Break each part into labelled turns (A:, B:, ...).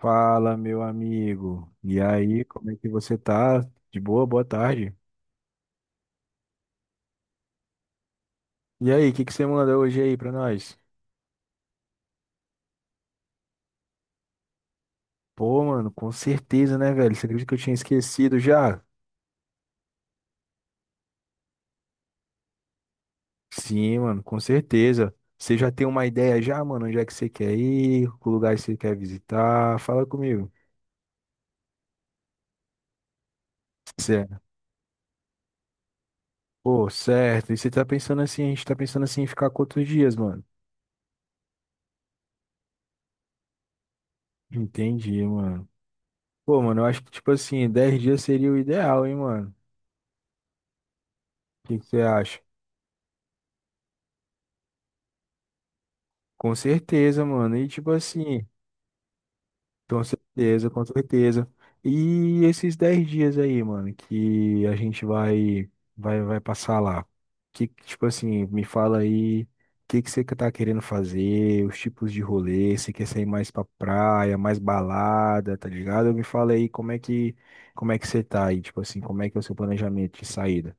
A: Fala, meu amigo. E aí, como é que você tá? De boa, boa tarde. E aí, o que que você manda hoje aí pra nós? Pô, mano, com certeza, né, velho? Você acredita que eu tinha esquecido já? Sim, mano, com certeza. Você já tem uma ideia já, mano? Onde é que você quer ir? Que lugar que você quer visitar? Fala comigo. Certo. Pô, certo. E você tá pensando assim, a gente tá pensando assim em ficar quantos dias, mano? Entendi, mano. Pô, mano, eu acho que tipo assim, 10 dias seria o ideal, hein, mano? O que que você acha? Com certeza, mano. E tipo assim, com certeza, com certeza. E esses 10 dias aí, mano, que a gente vai passar lá. Que tipo assim, me fala aí, o que que você tá querendo fazer, os tipos de rolê, se quer sair mais pra praia, mais balada, tá ligado? Me fala aí como é que você tá aí, tipo assim, como é que é o seu planejamento de saída?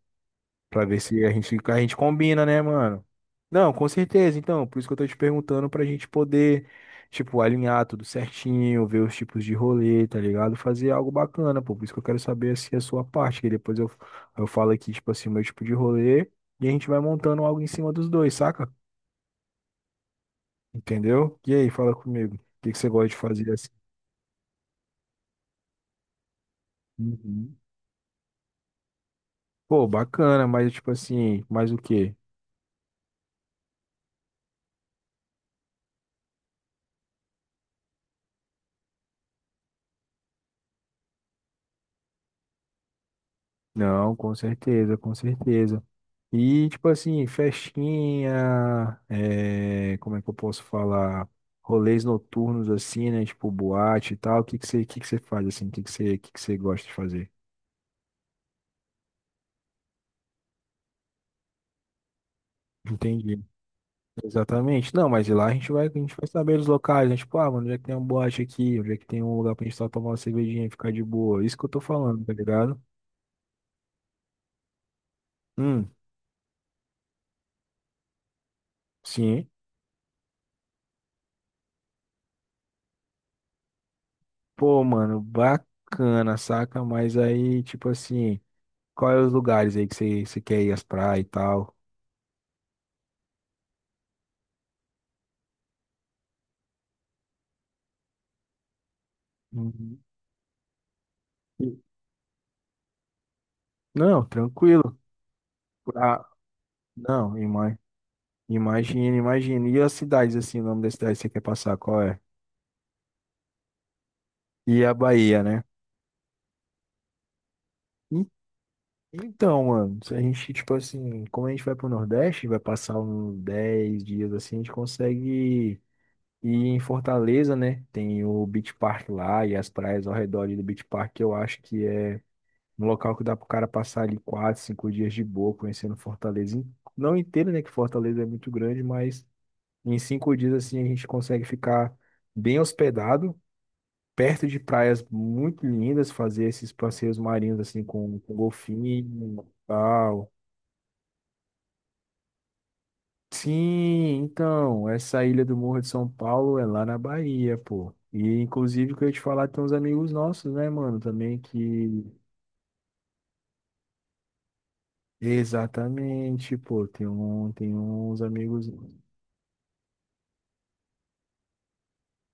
A: Pra ver se a gente combina, né, mano? Não, com certeza. Então, por isso que eu tô te perguntando pra gente poder, tipo, alinhar tudo certinho, ver os tipos de rolê, tá ligado? Fazer algo bacana, pô. Por isso que eu quero saber, assim, a sua parte, que depois eu falo aqui, tipo assim, o meu tipo de rolê e a gente vai montando algo em cima dos dois, saca? Entendeu? E aí, fala comigo. O que que você gosta de fazer assim? Uhum. Pô, bacana, mas tipo assim, mais o quê? Não, com certeza, com certeza. E, tipo assim, festinha, é, como é que eu posso falar? Rolês noturnos, assim, né? Tipo, boate e tal. O que que você faz, assim? O que que você gosta de fazer? Entendi. Exatamente. Não, mas lá a gente vai saber os locais, né? Tipo, ah, mano, onde é que tem uma boate aqui? Onde é que tem um lugar pra gente só tomar uma cervejinha e ficar de boa? Isso que eu tô falando, tá ligado? Hum, sim. Pô, mano, bacana, saca? Mas aí, tipo assim, quais os lugares aí que você quer ir às praias e tal? Uhum. Não, tranquilo. Ah, não, imagina, imagina. E as cidades, assim, o nome da cidade que você quer passar, qual é? E a Bahia, né? En- Então, mano, se a gente, tipo assim, como a gente vai pro Nordeste, vai passar uns 10 dias assim, a gente consegue ir em Fortaleza, né? Tem o Beach Park lá e as praias ao redor ali do Beach Park, que eu acho que é um local que dá pro cara passar ali 4, 5 dias de boa, conhecendo Fortaleza. Não inteiro, né? Que Fortaleza é muito grande, mas. Em 5 dias, assim, a gente consegue ficar bem hospedado, perto de praias muito lindas, fazer esses passeios marinhos, assim, com golfinho e tal. Sim, então, essa ilha do Morro de São Paulo é lá na Bahia, pô. E, inclusive, que eu ia te falar, tem uns amigos nossos, né, mano, também que... Exatamente, pô, tem uns amigos.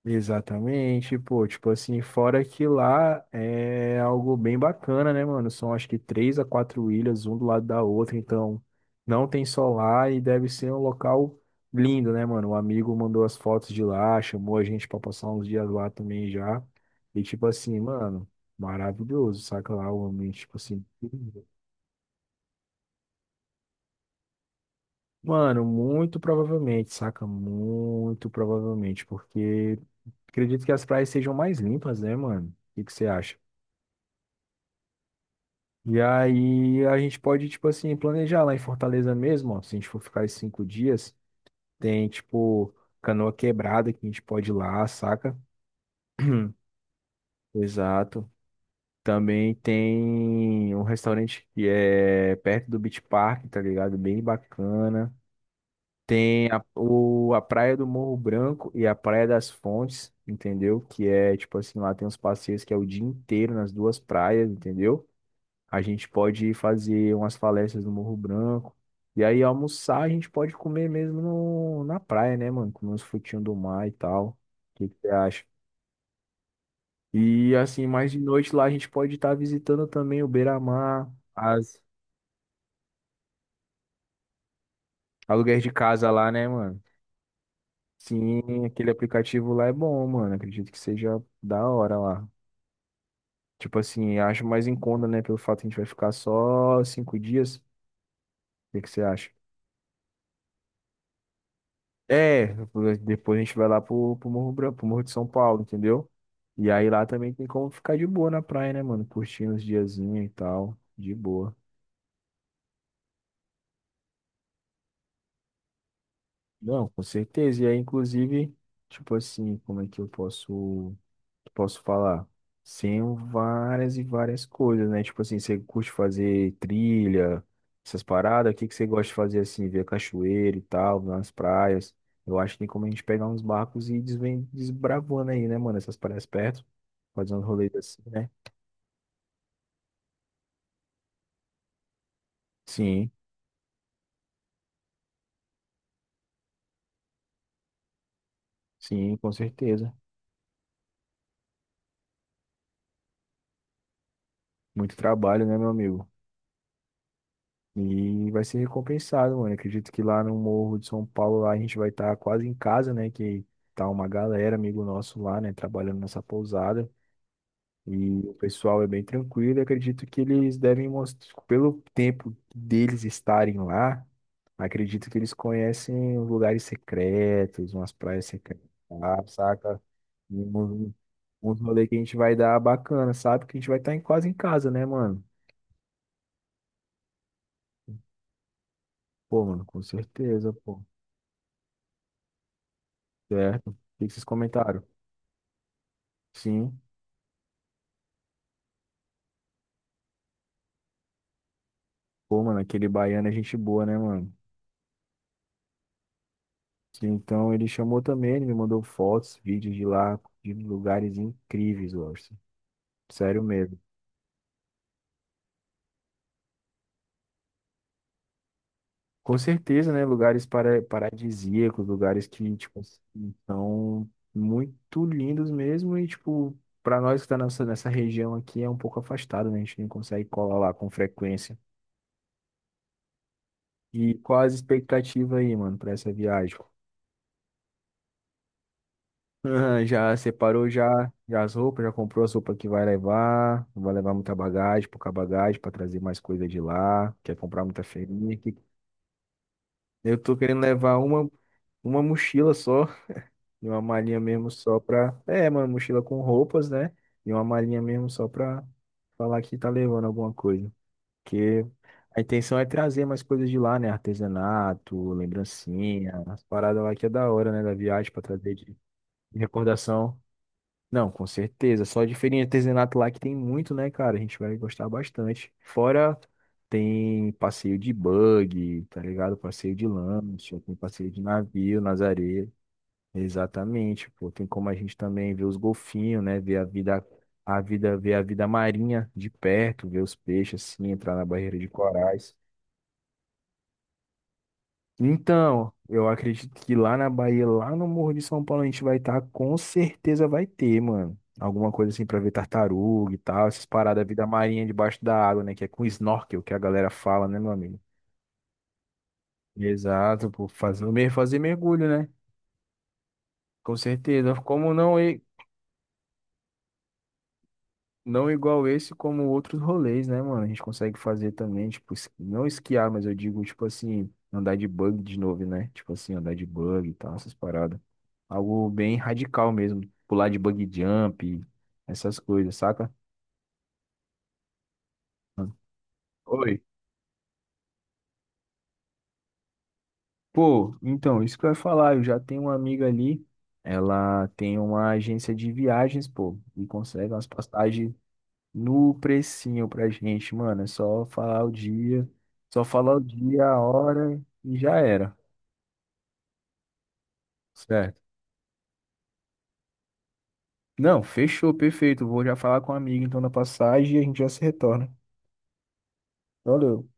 A: Exatamente, pô, tipo assim, fora que lá é algo bem bacana, né, mano? São acho que três a quatro ilhas, um do lado da outra, então não tem só lá e deve ser um local lindo, né, mano? O amigo mandou as fotos de lá, chamou a gente pra passar uns dias lá também já. E tipo assim, mano, maravilhoso, saca lá o ambiente, tipo assim. Mano, muito provavelmente, saca? Muito provavelmente, porque acredito que as praias sejam mais limpas, né, mano? O que que você acha? E aí a gente pode, tipo assim, planejar lá em Fortaleza mesmo, ó. Se a gente for ficar esses 5 dias, tem, tipo, Canoa Quebrada que a gente pode ir lá, saca? Exato. Também tem um restaurante que é perto do Beach Park, tá ligado? Bem bacana. Tem a Praia do Morro Branco e a Praia das Fontes, entendeu? Que é, tipo assim, lá tem uns passeios que é o dia inteiro nas duas praias, entendeu? A gente pode fazer umas falésias no Morro Branco. E aí, almoçar, a gente pode comer mesmo no, na praia, né, mano? Comer uns frutinhos do mar e tal. O que que você acha? E assim, mais de noite lá, a gente pode estar visitando também o Beira-Mar, as aluguéis de casa lá, né, mano? Sim, aquele aplicativo lá é bom, mano. Acredito que seja da hora lá. Tipo assim, acho mais em conta, né? Pelo fato que a gente vai ficar só 5 dias. O que que você acha? É, depois a gente vai lá pro Morro Branco, pro Morro de São Paulo, entendeu? E aí lá também tem como ficar de boa na praia, né, mano? Curtindo os diazinhos e tal, de boa. Não, com certeza. E aí, inclusive, tipo assim, como é que eu posso falar? Sem várias e várias coisas, né? Tipo assim, você curte fazer trilha, essas paradas, o que que você gosta de fazer assim, ver cachoeira e tal, nas praias? Eu acho que tem como a gente pegar uns barcos e ir desbravando aí, né, mano? Essas praias perto, fazendo rolês assim, né? Sim, sim, com certeza. Muito trabalho, né, meu amigo? E vai ser recompensado, mano. Acredito que lá no Morro de São Paulo, lá a gente vai estar quase em casa, né? Que tá uma galera, amigo nosso lá, né? Trabalhando nessa pousada. E o pessoal é bem tranquilo. Eu acredito que eles devem mostrar, pelo tempo deles estarem lá, acredito que eles conhecem os lugares secretos, umas praias secretas, lá, saca? E uns rolê que a gente vai dar bacana, sabe? Que a gente vai estar em, quase em casa, né, mano? Pô, mano, com certeza, pô. Certo. O que que vocês comentaram? Sim. Pô, mano, aquele baiano é gente boa, né, mano? Sim, então ele chamou também, ele me mandou fotos, vídeos de lá, de lugares incríveis, Orson. Sério mesmo. Com certeza, né? Lugares para, paradisíacos, lugares que, tipo, assim, são muito lindos mesmo e, tipo, para nós que tá nessa região aqui é um pouco afastado, né? A gente não consegue colar lá com frequência. E qual as expectativas aí, mano, para essa viagem? Aham, já separou já, já as roupas, já comprou as roupas que vai levar, não vai levar muita bagagem, pouca bagagem para trazer mais coisa de lá, quer comprar muita feirinha aqui. Eu tô querendo levar uma mochila só, e uma malinha mesmo só pra. É, uma mochila com roupas, né? E uma malinha mesmo só pra falar que tá levando alguma coisa. Porque a intenção é trazer mais coisas de lá, né? Artesanato, lembrancinha, as paradas lá que é da hora, né? Da viagem pra trazer de recordação. Não, com certeza. Só de feirinha de artesanato lá que tem muito, né, cara? A gente vai gostar bastante. Fora tem passeio de bug, tá ligado? Passeio de lancha, tem passeio de navio nas areias. Exatamente, pô. Tem como a gente também ver os golfinhos, né? Ver a vida marinha de perto, ver os peixes assim, entrar na barreira de corais. Então, eu acredito que lá na Bahia, lá no Morro de São Paulo, a gente vai estar, com certeza vai ter, mano. Alguma coisa assim pra ver tartaruga e tal, essas paradas, da vida marinha debaixo da água, né? Que é com snorkel que a galera fala, né, meu amigo? Exato, pô, fazer mergulho, né? Com certeza. Como não. Não igual esse, como outros rolês, né, mano? A gente consegue fazer também, tipo, não esquiar, mas eu digo, tipo assim, andar de bug de novo, né? Tipo assim, andar de bug e tal, essas paradas. Algo bem radical mesmo. Pular de bug jump, essas coisas, saca? Oi. Pô, então, isso que eu ia falar, eu já tenho uma amiga ali, ela tem uma agência de viagens, pô, e consegue umas passagens no precinho pra gente, mano. É só falar o dia, só falar o dia, a hora e já era, certo? Não, fechou, perfeito. Vou já falar com a amiga então na passagem e a gente já se retorna. Valeu.